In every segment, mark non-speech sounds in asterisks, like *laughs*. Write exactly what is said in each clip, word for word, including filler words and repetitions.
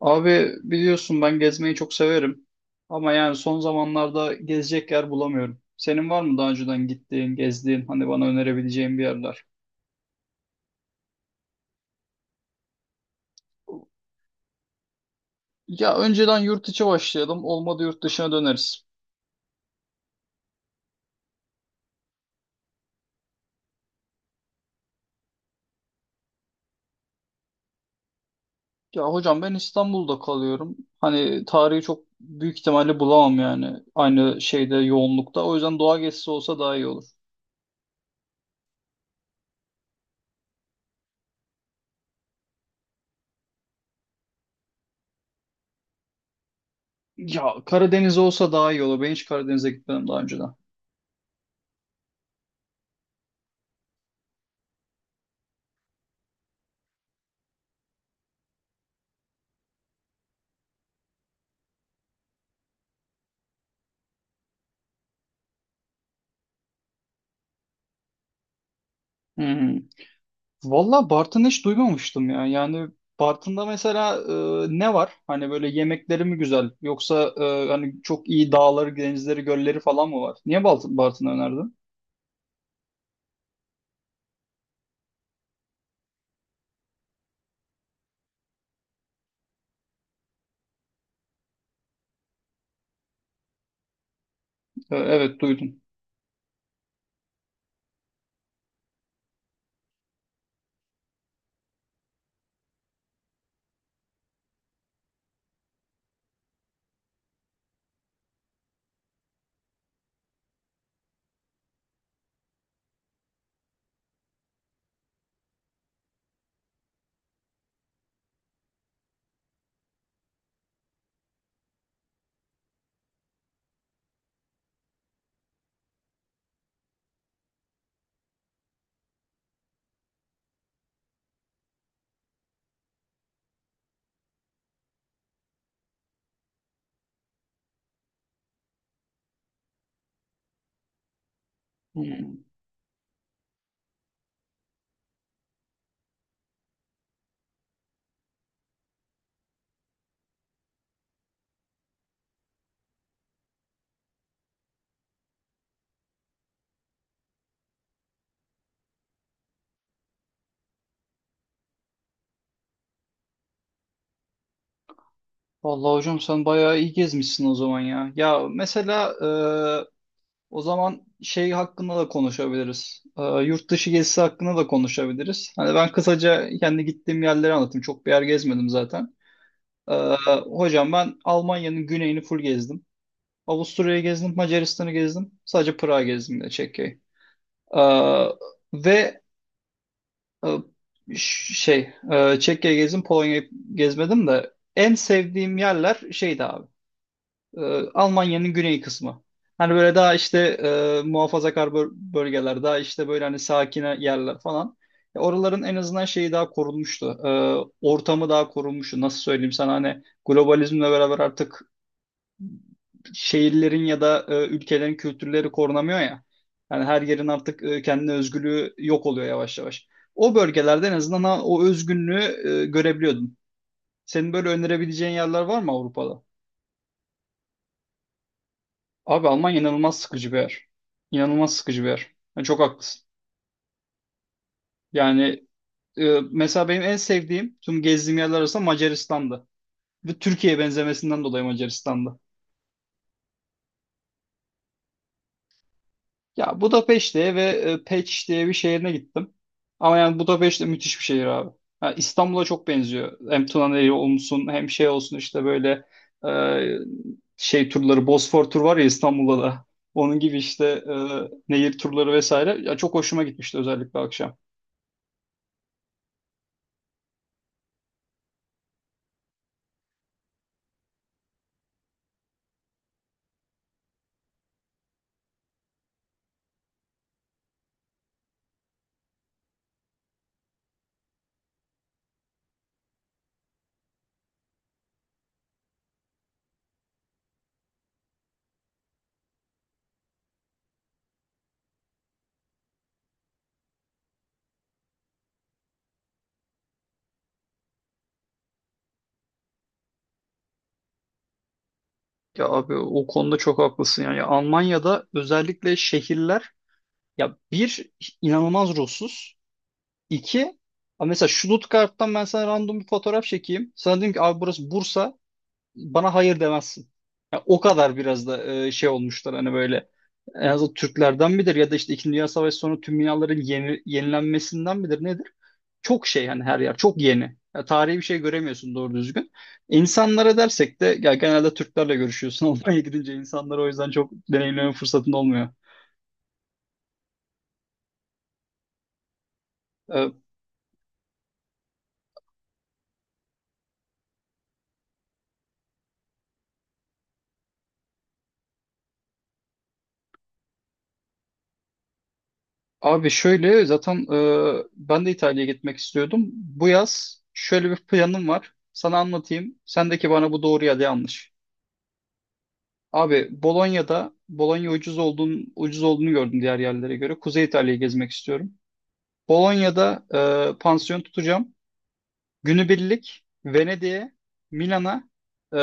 Abi biliyorsun ben gezmeyi çok severim. Ama yani son zamanlarda gezecek yer bulamıyorum. Senin var mı daha önceden gittiğin, gezdiğin, hani bana önerebileceğin bir yerler? Ya önceden yurt içi başlayalım. Olmadı yurt dışına döneriz. Ya hocam ben İstanbul'da kalıyorum. Hani tarihi çok büyük ihtimalle bulamam yani. Aynı şeyde yoğunlukta. O yüzden doğa gezisi olsa daha iyi olur. Ya Karadeniz olsa daha iyi olur. Ben hiç Karadeniz'e gitmedim daha önceden. Hmm. Valla Bartın'ı hiç duymamıştım ya. Yani Bartın'da mesela e, ne var? Hani böyle yemekleri mi güzel? Yoksa e, hani çok iyi dağları, denizleri, gölleri falan mı var? Niye Balt- Bartın'ı önerdin? E, evet duydum. Hmm. Vallahi hocam sen bayağı iyi gezmişsin o zaman ya. Ya mesela e, o zaman şey hakkında da konuşabiliriz. E, yurt dışı gezisi hakkında da konuşabiliriz. Hani ben kısaca kendi gittiğim yerleri anlatayım. Çok bir yer gezmedim zaten. E, Hocam ben Almanya'nın güneyini full gezdim. Avusturya'yı gezdim, Macaristan'ı gezdim. Sadece Prag'ı gezdim de Çekya'yı. Ee, ve e, ş- şey, e, Çekya'yı gezdim, Polonya'yı gezmedim de en sevdiğim yerler şeydi abi. e, Almanya'nın güney kısmı. Hani böyle daha işte e, muhafazakar böl- bölgeler, daha işte böyle hani sakin yerler falan. E, Oraların en azından şeyi daha korunmuştu. E, ortamı daha korunmuştu. Nasıl söyleyeyim sana hani globalizmle beraber artık şehirlerin ya da e, ülkelerin kültürleri korunamıyor ya. Yani her yerin artık e, kendine özgürlüğü yok oluyor yavaş yavaş. O bölgelerde en azından ha- o özgünlüğü e, görebiliyordum. Senin böyle önerebileceğin yerler var mı Avrupa'da? Abi Almanya inanılmaz sıkıcı bir yer. İnanılmaz sıkıcı bir yer. Yani çok haklısın. Yani e, mesela benim en sevdiğim tüm gezdiğim yerler arasında Macaristan'dı. Ve Türkiye'ye benzemesinden dolayı Macaristan'dı. Ya Budapeşte'ye ve e, Peç diye bir şehrine gittim. Ama yani Budapeşte de müthiş bir şehir abi. Ha, İstanbul'a çok benziyor. Hem Tuna'yı olsun hem şey olsun işte böyle e, şey turları Bosfor tur var ya İstanbul'da da. Onun gibi işte e, nehir turları vesaire. Ya çok hoşuma gitmişti özellikle akşam. Ya abi o konuda çok haklısın yani. Ya Almanya'da özellikle şehirler ya bir inanılmaz ruhsuz. İki, ama mesela Stuttgart'tan ben sana random bir fotoğraf çekeyim. Sana diyeyim ki abi burası Bursa. Bana hayır demezsin. Ya o kadar biraz da e, şey olmuşlar hani böyle en azından Türklerden midir ya da işte İkinci Dünya Savaşı sonu tüm binaların yeni, yenilenmesinden midir nedir? Çok şey hani her yer çok yeni. Ya tarihi bir şey göremiyorsun doğru düzgün. İnsanlara dersek de ya genelde Türklerle görüşüyorsun. *laughs* Almanya'ya gidince insanlar o yüzden çok deneyimleme fırsatın olmuyor. Ee, Abi şöyle zaten e, ben de İtalya'ya gitmek istiyordum. Bu yaz şöyle bir planım var. Sana anlatayım. Sen ki bana bu doğru ya da yanlış. Abi Bolonya'da Bolonya ucuz olduğunu, ucuz olduğunu gördüm diğer yerlere göre. Kuzey İtalya'yı gezmek istiyorum. Bolonya'da e, pansiyon tutacağım. Günübirlik Venedik'e, Milan'a e,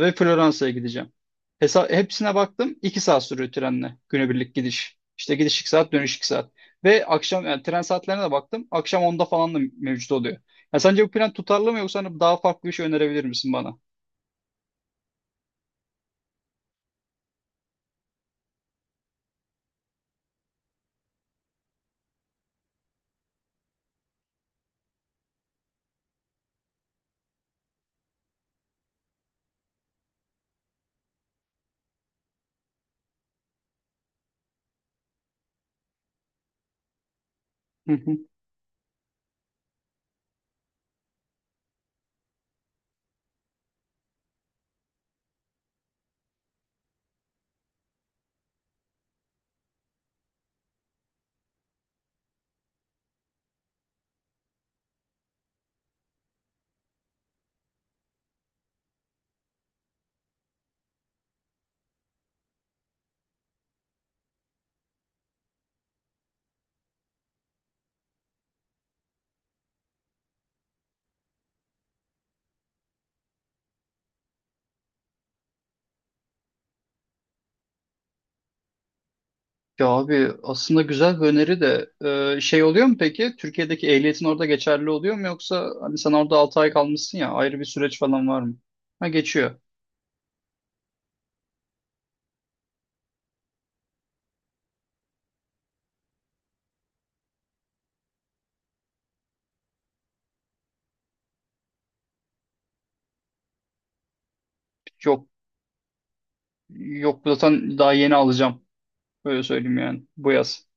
ve Floransa'ya gideceğim. Hesa hepsine baktım. İki saat sürüyor trenle günübirlik gidiş. İşte gidiş iki saat, dönüş iki saat. Ve akşam yani tren saatlerine de baktım. Akşam onda falan da mevcut oluyor. Ya sence bu plan tutarlı mı yoksa hani daha farklı bir şey önerebilir misin bana? Hı hı. Ya abi aslında güzel bir öneri de e, şey oluyor mu peki? Türkiye'deki ehliyetin orada geçerli oluyor mu yoksa hani sen orada altı ay kalmışsın ya ayrı bir süreç falan var mı? Ha geçiyor. Yok Yok zaten daha yeni alacağım. Öyle söyleyeyim yani bu yaz.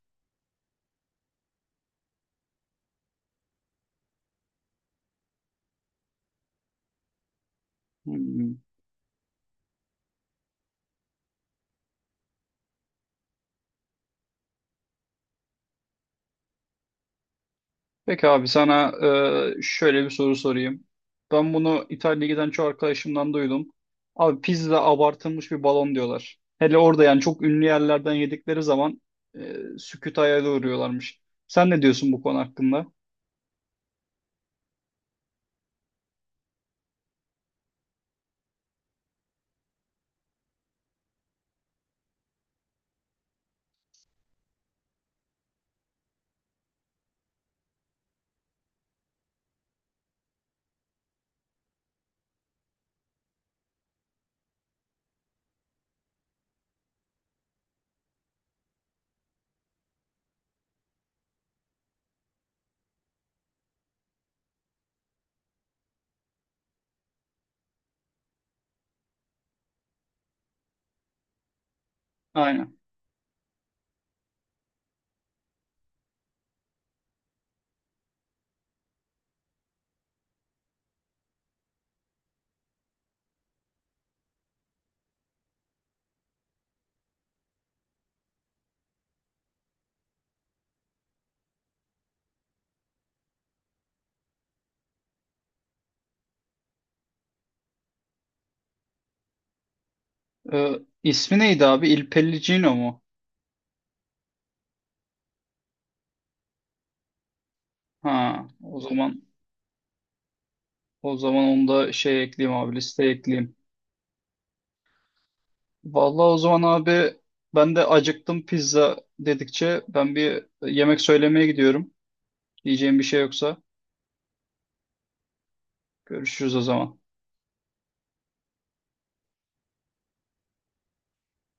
Hmm. Peki abi sana e, şöyle bir soru sorayım. Ben bunu İtalya'ya giden çoğu arkadaşımdan duydum. Abi pizza abartılmış bir balon diyorlar. Hele orada yani çok ünlü yerlerden yedikleri zaman e, sükût hayale uğruyorlarmış. Sen ne diyorsun bu konu hakkında? Aynen. E, ismi neydi abi? Il Pellicino mu? Ha, o zaman o zaman onu da şey ekleyeyim abi listeye ekleyeyim. Vallahi o zaman abi ben de acıktım pizza dedikçe ben bir yemek söylemeye gidiyorum. Diyeceğim bir şey yoksa görüşürüz o zaman.